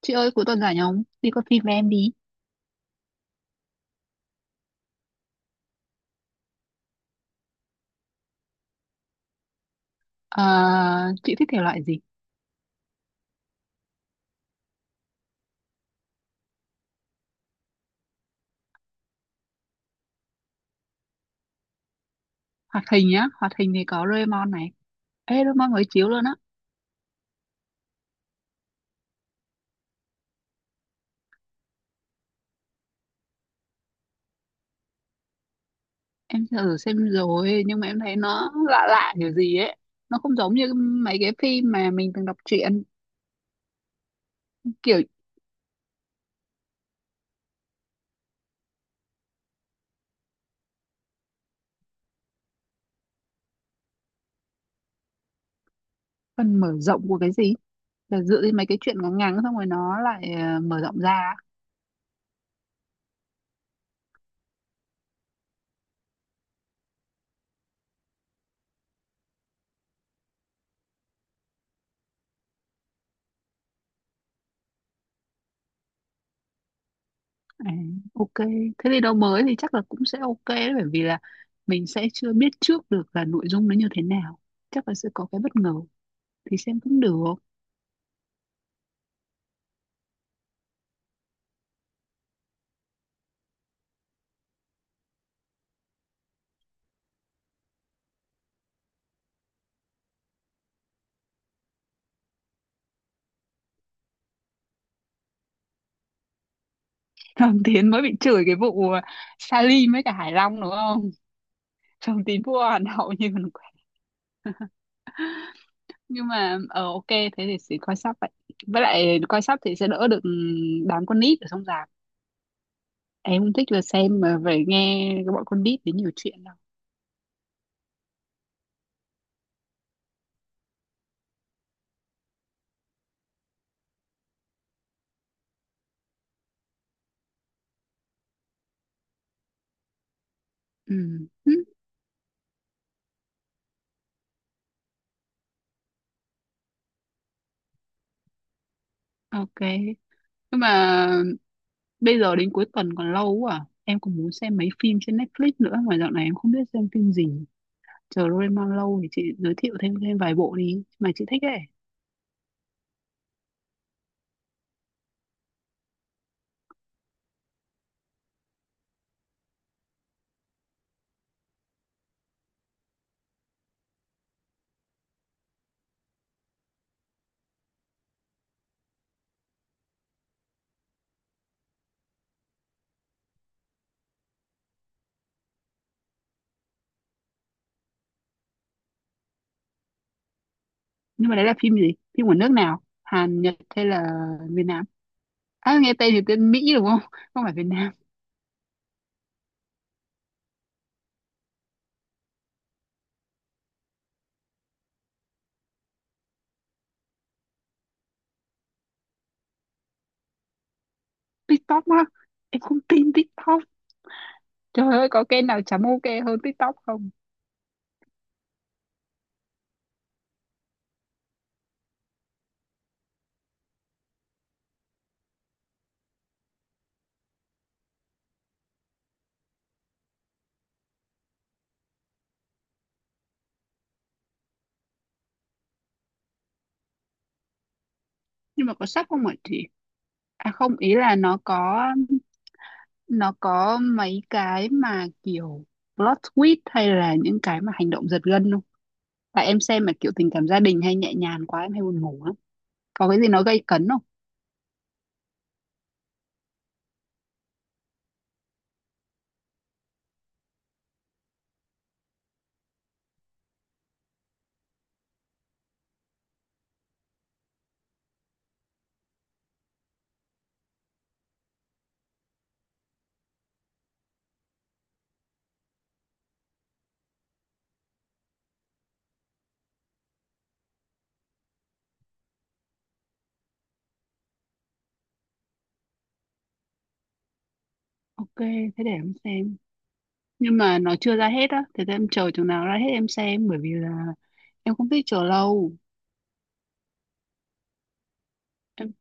Chị ơi cuối tuần rảnh không? Đi coi phim với em đi. Ờ, chị thích thể loại gì? Hoạt hình nhá. Hoạt hình thì có Doraemon này. Ê Doraemon mới chiếu luôn á. Em thử xem rồi nhưng mà em thấy nó lạ lạ kiểu gì ấy. Nó không giống như mấy cái phim mà mình từng đọc truyện. Kiểu phần mở rộng của cái gì? Là dựa trên mấy cái chuyện ngắn ngắn xong rồi nó lại mở rộng ra. À, ok. Thế thì đâu mới thì chắc là cũng sẽ ok đấy, bởi vì là mình sẽ chưa biết trước được là nội dung nó như thế nào. Chắc là sẽ có cái bất ngờ thì xem cũng được. Thẩm Tiến mới bị chửi cái vụ Salim với cả Hải Long đúng không? Thẩm Tiến vua Hàn Hậu như còn quen. Nhưng mà ờ ok thế thì sẽ coi sắp vậy. Với lại coi sắp thì sẽ đỡ được đám con nít ở trong rạp. Em không thích là xem mà phải nghe cái bọn con nít đến nhiều chuyện đâu. Ừ. Ừ. Ok. Nhưng mà bây giờ đến cuối tuần còn lâu quá à. Em còn muốn xem mấy phim trên Netflix nữa mà dạo này em không biết xem phim gì. Chờ Doraemon lâu thì chị giới thiệu thêm thêm vài bộ đi mà chị thích ấy. Nhưng mà đấy là phim gì, phim của nước nào, Hàn Nhật hay là Việt Nam? À nghe tên thì tên Mỹ đúng không? Không phải Việt Nam. TikTok á? Em không tin TikTok, trời ơi có kênh nào chấm ok hơn TikTok không? Nhưng mà có sắp không ạ chị? À không, ý là nó có, nó có mấy cái mà kiểu plot twist hay là những cái mà hành động giật gân không? Tại em xem mà kiểu tình cảm gia đình hay nhẹ nhàng quá em hay buồn ngủ lắm. Có cái gì nó gây cấn không? Ok thế để em xem. Nhưng mà nó chưa ra hết á, thế thì em chờ chừng nào ra hết em xem, bởi vì là em không thích chờ lâu. Em...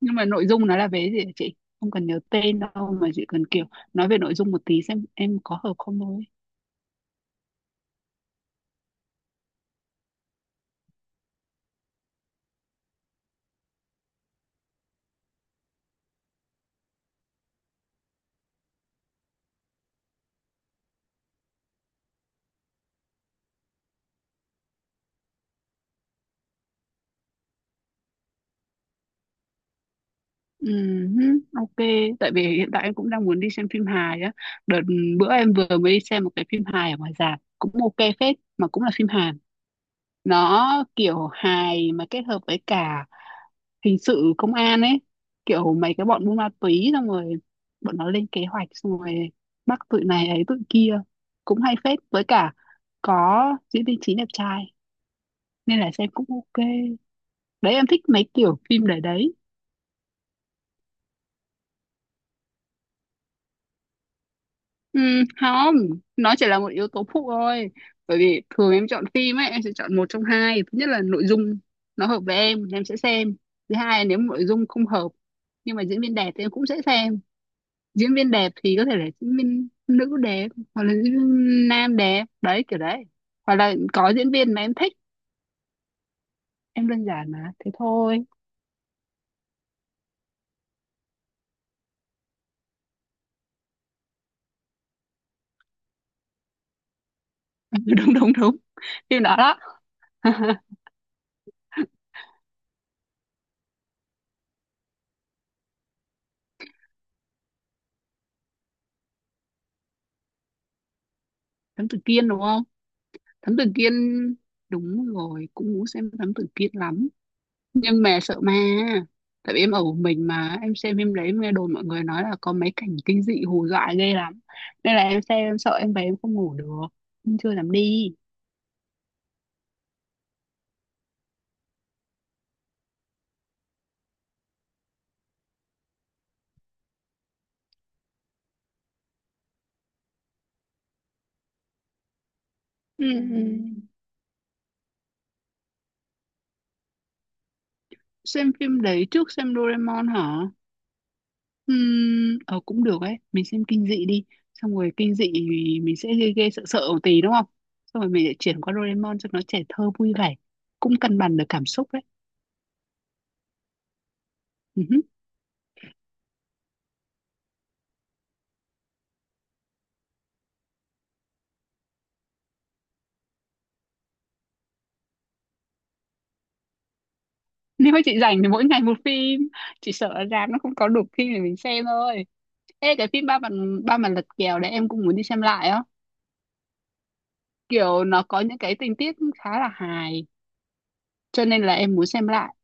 Nhưng mà nội dung nó là về gì hả chị? Không cần nhớ tên đâu mà chỉ cần kiểu nói về nội dung một tí xem em có hợp không thôi. Ừm, ok, tại vì hiện tại em cũng đang muốn đi xem phim hài á. Đợt bữa em vừa mới đi xem một cái phim hài ở ngoài rạp cũng ok phết mà cũng là phim Hàn. Nó kiểu hài mà kết hợp với cả hình sự công an ấy, kiểu mấy cái bọn buôn ma túy xong rồi bọn nó lên kế hoạch xong rồi bắt tụi này ấy tụi kia, cũng hay phết, với cả có diễn viên chính đẹp trai nên là xem cũng ok. Đấy em thích mấy kiểu phim để đấy. Ừ, không, nó chỉ là một yếu tố phụ thôi. Bởi vì thường em chọn phim ấy em sẽ chọn một trong hai thứ, nhất là nội dung nó hợp với em sẽ xem, thứ hai là nếu nội dung không hợp nhưng mà diễn viên đẹp thì em cũng sẽ xem. Diễn viên đẹp thì có thể là diễn viên nữ đẹp hoặc là diễn viên nam đẹp đấy, kiểu đấy, hoặc là có diễn viên mà em thích. Em đơn giản mà thế thôi. Đúng đúng đúng, phim đó đó. Thám Tử Kiên đúng không? Thám Tử Kiên, đúng rồi, cũng muốn xem Thám Tử Kiên lắm. Nhưng mà sợ ma, tại vì em ở một mình mà em xem phim đấy, em nghe đồn mọi người nói là có mấy cảnh kinh dị hù dọa ghê lắm, nên là em xem em sợ em về em không ngủ được. Em chưa dám đi. Ừ. Xem phim đấy trước xem Doraemon hả? Ờ cũng được ấy, mình xem kinh dị đi. Xong rồi kinh dị thì mình sẽ ghê ghê sợ sợ một tí đúng không? Xong rồi mình sẽ chuyển qua Doraemon cho nó trẻ thơ vui vẻ, cũng cân bằng được cảm xúc đấy. Ừ hứ. Nếu mà chị rảnh thì mỗi ngày một phim, chị sợ ở rạp nó không có đủ phim để mình xem thôi. Ê cái phim ba mặt, ba mặt lật kèo đấy em cũng muốn đi xem lại á. Kiểu nó có những cái tình tiết khá là hài, cho nên là em muốn xem lại.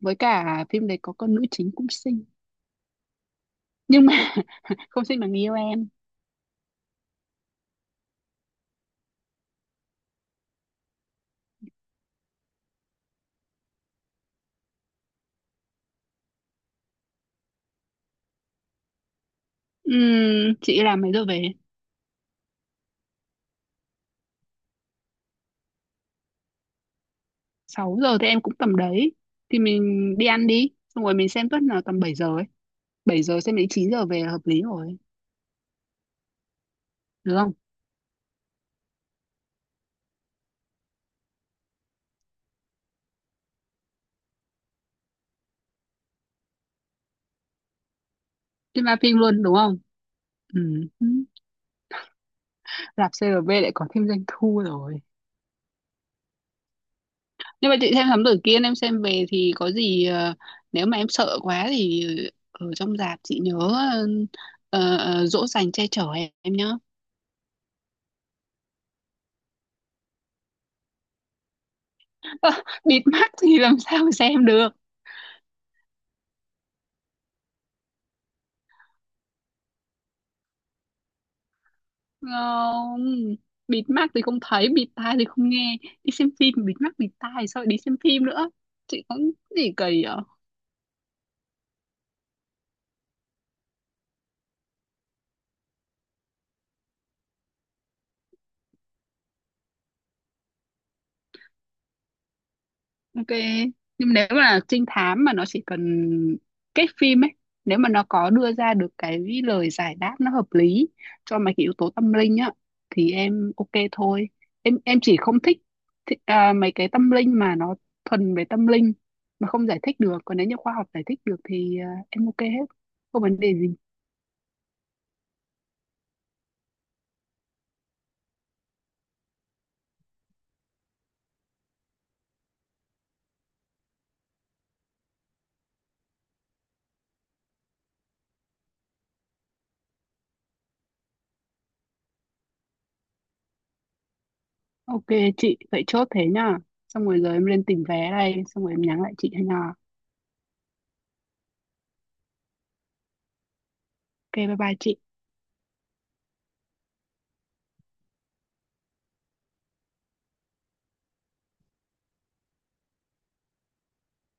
Với cả phim đấy có con nữ chính cũng xinh. Nhưng mà không xin bằng yêu em. Chị làm mấy giờ về? Sáu giờ thì em cũng tầm đấy, thì mình đi ăn đi, xong rồi mình xem tuất là tầm 7 giờ ấy, 7 giờ xem đến 9 giờ về là hợp lý rồi. Được không? Đi ma phim luôn đúng không? Ừm, Rạp CRV lại có thêm doanh thu rồi. Nhưng mà chị xem thám tử Kiên em xem về thì có gì nếu mà em sợ quá thì ở trong rạp chị nhớ ờ, dỗ dành che chở em nhá. Ờ, bịt mắt thì làm sao mà xem được? Không, bịt mắt thì không thấy, bịt tai thì không nghe. Đi xem phim mà bịt mắt bịt tai thì sao lại đi xem phim nữa? Chị cũng gì kỳ vậy? Ok. Nhưng nếu mà trinh thám mà nó chỉ cần cái phim ấy, nếu mà nó có đưa ra được cái lời giải đáp nó hợp lý cho mấy cái yếu tố tâm linh á thì em ok thôi. Em chỉ không thích, à, mấy cái tâm linh mà nó thuần về tâm linh mà không giải thích được, còn nếu như khoa học giải thích được thì à, em ok hết. Không vấn đề gì. Ok chị, vậy chốt thế nha. Xong rồi giờ em lên tìm vé đây, xong rồi em nhắn lại chị nha. Ok, bye bye chị.